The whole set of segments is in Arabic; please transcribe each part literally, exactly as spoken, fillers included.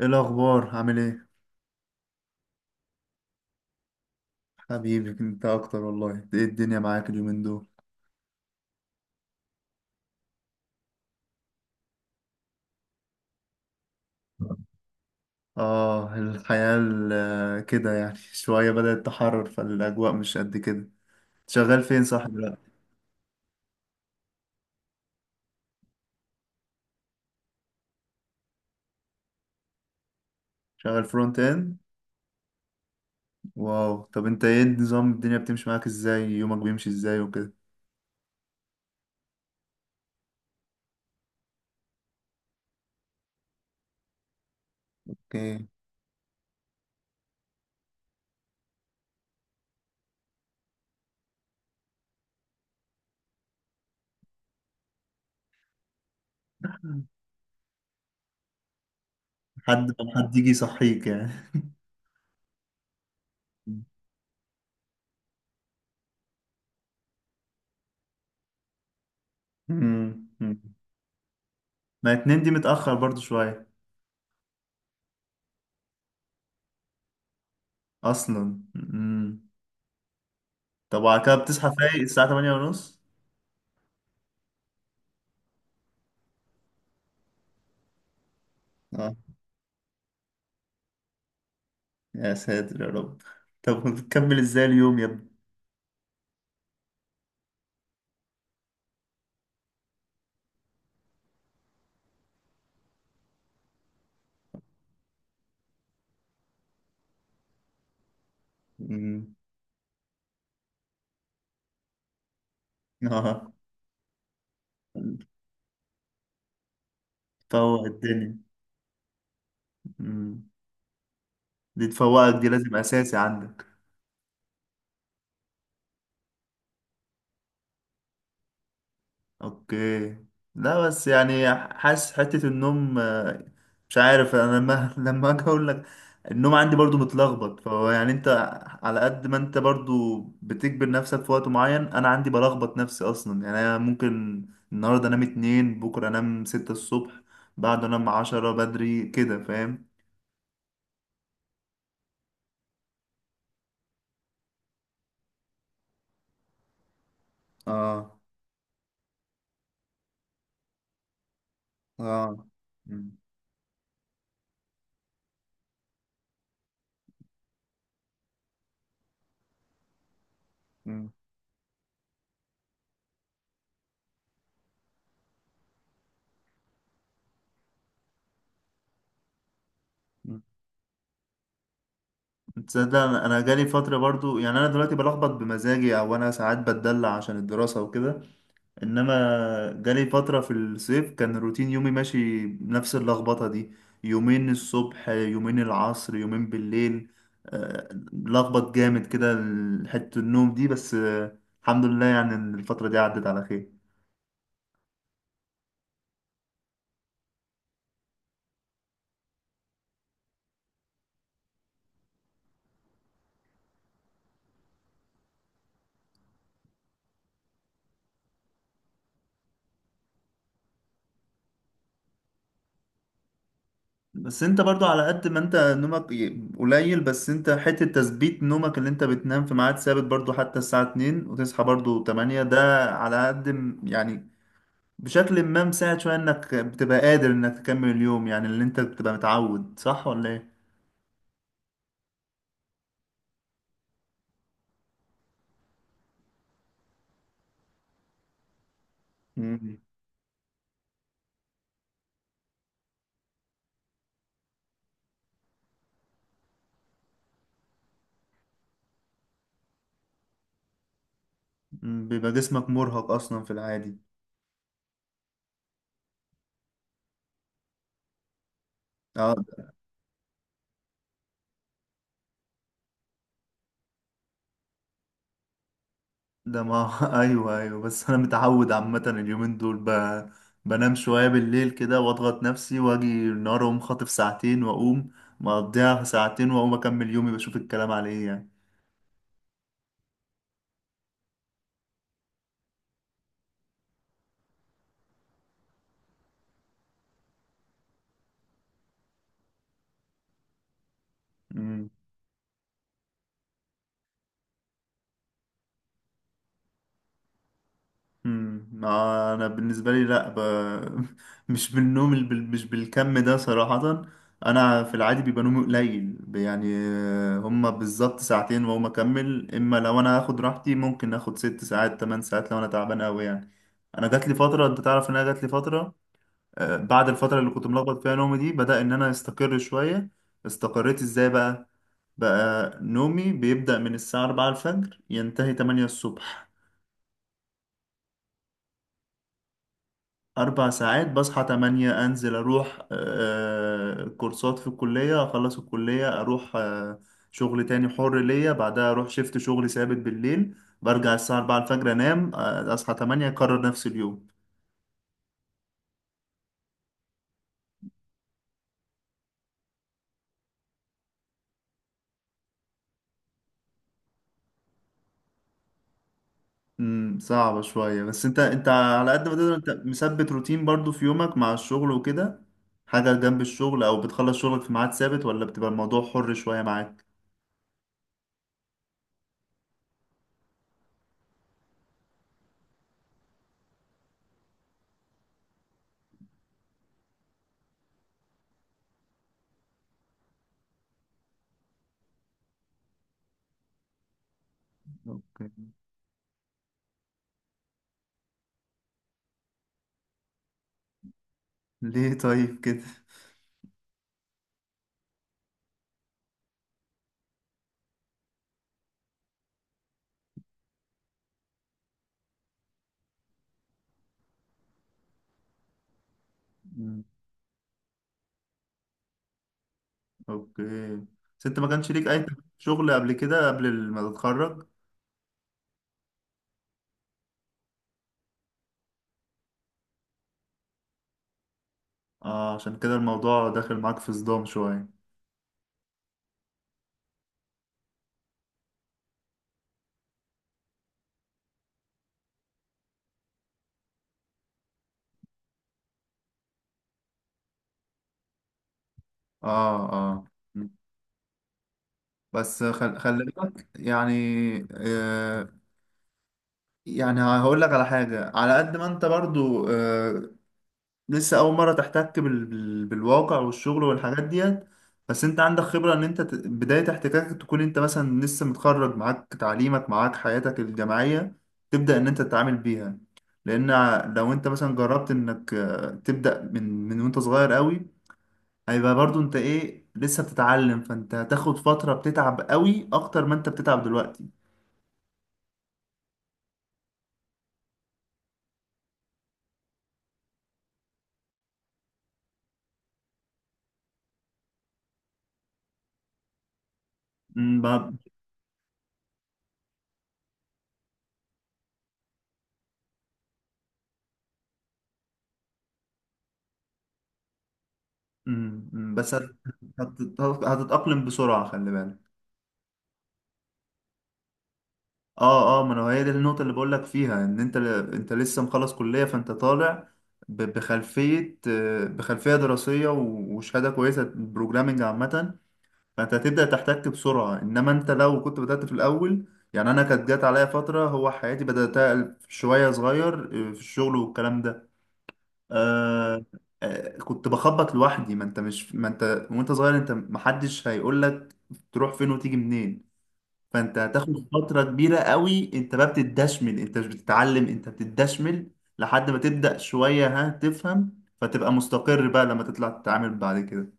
ايه الاخبار؟ عامل ايه؟ حبيبي انت اكتر، والله. ايه الدنيا معاك اليومين دول؟ اه، الحياة ال- آه، كده يعني شوية بدأت تحرر، فالاجواء مش قد كده. شغال فين صح دلوقتي؟ شغال فرونت اند؟ واو، طب انت ايه النظام؟ الدنيا بتمشي معاك ازاي؟ يومك بيمشي ازاي وكده؟ اوكي. حد ما حد يجي يصحيك يعني؟ مم. مم. ما اتنين دي متأخر برضو شوية. اصلا مم. طب وعلى كده بتصحى فايق الساعة تمانية وتلاتين ونص؟ يا ساتر يا رب. طب بتكمل ازاي اليوم يا ابني؟ مم. اه. تفوق الدنيا. مم. دي تفوقك، دي لازم اساسي عندك. اوكي. لا بس يعني حاسس حتة النوم، آه، مش عارف انا لما لما اجي اقول لك، النوم عندي برضو متلخبط. فهو يعني انت، على قد ما انت برضو بتجبر نفسك في وقت معين، انا عندي بلخبط نفسي اصلا. يعني انا ممكن النهارده انام اتنين، بكره انام ستة الصبح، بعده انام عشرة بدري، كده فاهم؟ اه. اه. مم. مم. مم. تصدق انا، أنا جالي فتره برضو. يعني انا دلوقتي بلخبط بمزاجي، او انا ساعات بتدلع عشان الدراسه وكده. انما جالي فتره في الصيف كان روتين يومي ماشي نفس اللخبطه دي. يومين الصبح، يومين العصر، يومين بالليل، آه، لخبط جامد كده. حته النوم دي بس، آه، الحمد لله. يعني إن الفتره دي عدت على خير. بس انت برضو، على قد ما انت نومك ي- قليل، بس انت حتة تثبيت نومك، اللي انت بتنام في ميعاد ثابت برضو، حتى الساعة اتنين وتصحى برضو تمانية، ده على قد م- يعني بشكل ما مساعد شوية، انك بتبقى قادر انك تكمل اليوم. يعني اللي انت بتبقى متعود، صح ولا ايه؟ مم. مم، بيبقى جسمك مرهق اصلا في العادي. اه، ده ما ايوه، ايوه، بس انا متعود، عامه اليومين دول ب... بنام شويه بالليل كده واضغط نفسي، واجي النهار اقوم خاطف ساعتين، واقوم مقضيها في ساعتين واقوم اكمل يومي بشوف الكلام على ايه يعني. مم. مم. ما انا بالنسبه لي لا ب... مش بالنوم الب... مش بالكم ده صراحه. انا في العادي بيبقى نومي قليل، ب- يعني آه، هما بالظبط ساعتين، وهما اكمل. اما لو انا هاخد راحتي ممكن اخد ست ساعات، تمن ساعات لو انا تعبان قوي يعني. انا جات لي فتره، انت تعرف ان انا جات لي فتره، آه، بعد الفتره اللي كنت ملخبط فيها نومي دي، بدأ ان انا استقر شويه. استقريت ازاي بقى؟ بقى نومي بيبدأ من الساعه أربعة الفجر، ينتهي تمانية الصبح. أربع ساعات. بصحى تمانية أنزل أروح آه، كورسات في الكلية، أخلص الكلية أروح آه، شغل تاني حر ليا، بعدها أروح شيفت شغل ثابت بالليل، برجع الساعة أربعة الفجر أنام، آه، أصحى تمانية أكرر نفس اليوم. امم صعبة شوية. بس أنت، أنت على قد ما تقدر أنت مثبت روتين برضو في يومك مع الشغل وكده؟ حاجة جنب الشغل؟ أو بتخلص شغلك في ميعاد ثابت، ولا بتبقى الموضوع حر شوية معاك؟ أوكي. ليه طيب كده؟ اوكي. بس انت ما كانش ليك اي شغل قبل كده، قبل ما تتخرج؟ اه، عشان كده الموضوع داخل معاك في صدام شوية. اه، اه، بس خل... خلي بالك يعني. آه يعني هقول لك على حاجة، على قد ما انت برضو، آه لسه اول مره تحتك بال... بال... بالواقع والشغل والحاجات ديت. بس انت عندك خبره، ان انت ت- بدايه احتكاكك تكون انت مثلا لسه متخرج، معاك تعليمك، معاك حياتك الجامعيه، تبدا ان انت تتعامل بيها. لان ع- لو انت مثلا جربت انك آه، تبدا من من وانت صغير قوي، هيبقى برضو انت ايه، لسه بتتعلم، فانت هتاخد فتره بتتعب قوي اكتر ما انت بتتعب دلوقتي. أمم، ب- أمم، أمم، بس هت- هت- هتتاقلم بسرعه، خلي بالك. اه، اه، ما انا هي دي النقطة اللي بقول لك فيها، ان انت، انت لسه مخلص كلية، فانت طالع ب- بخلفية آه، بخلفية دراسية و- وشهادة كويسة بروجرامنج عامة. فانت هتبدأ تحتك بسرعة. انما انت لو كنت بدأت في الاول، يعني انا كانت جات عليا فترة، هو حياتي بدأتها شوية صغير آه، في الشغل والكلام ده. آه آه، كنت بخبط لوحدي. ما انت مش ما انت وانت صغير، انت محدش هيقولك تروح فين وتيجي منين. فانت هتاخد فترة كبيرة قوي، انت بقى بتدشمل، انت مش بتتعلم انت بتدشمل، لحد ما تبدأ شوية ها تفهم، فتبقى مستقر بقى لما تطلع تتعامل بعد كده.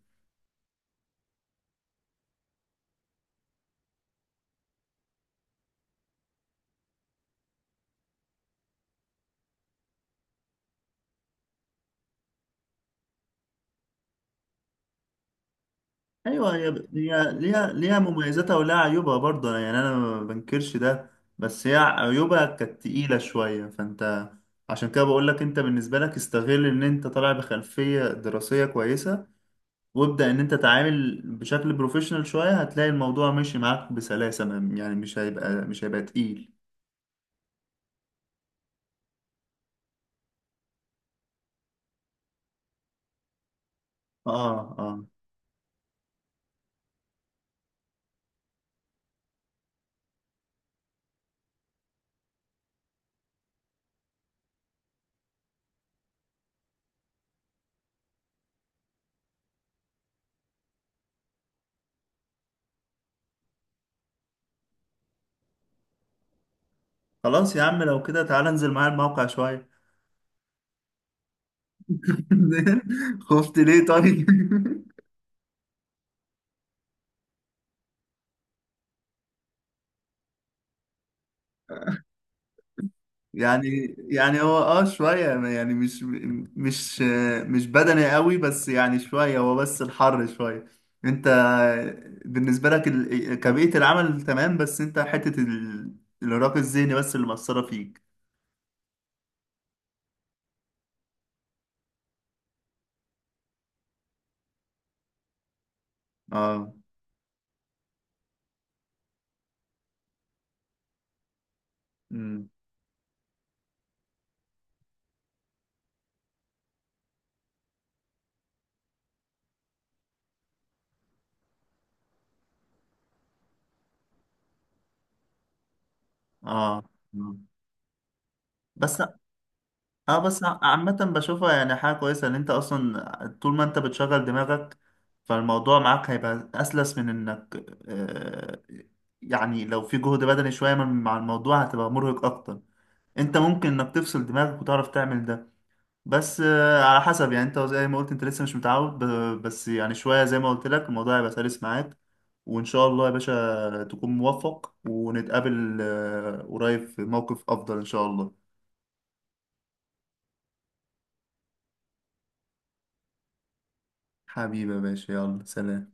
ايوه. هي هي ليها ليها مميزاتها ولها عيوبها برضه. أنا- يعني انا ما بنكرش ده. بس هي عيوبها كانت تقيلة شوية. فانت عشان كده بقول لك، انت بالنسبة لك استغل ان انت طالع بخلفية دراسية كويسة، وابدأ ان انت تعامل بشكل بروفيشنال شوية، هتلاقي الموضوع ماشي معاك بسلاسة ما- يعني مش هيبقى مش هيبقى تقيل. اه، اه، خلاص يا عم لو كده تعالى انزل معايا الموقع شوية. خفت ليه طيب؟ يعني يعني هو اه شوية يعني مش مش مش بدني قوي، بس يعني شوية، هو بس الحر شوية. انت بالنسبة لك ال- كبيئة العمل تمام، بس انت حتة ال- الإرهاق الذهني بس اللي مأثرة فيك. اه، اه، بس اه بس عامة بشوفها يعني حاجة كويسة، ان انت اصلا طول ما انت بتشغل دماغك، فالموضوع معاك هيبقى اسلس من انك آه يعني لو في جهد بدني شوية من- مع الموضوع، هتبقى مرهق اكتر. انت ممكن انك تفصل دماغك وتعرف تعمل ده، بس آه على حسب يعني. انت زي ما قلت، انت لسه مش متعود، ب- بس يعني شوية زي ما قلت لك، الموضوع هيبقى سلس معاك. وان شاء الله يا باشا تكون موفق، ونتقابل آه قريب في موقف افضل ان شاء الله. حبيبي يا باشا، يلا سلام.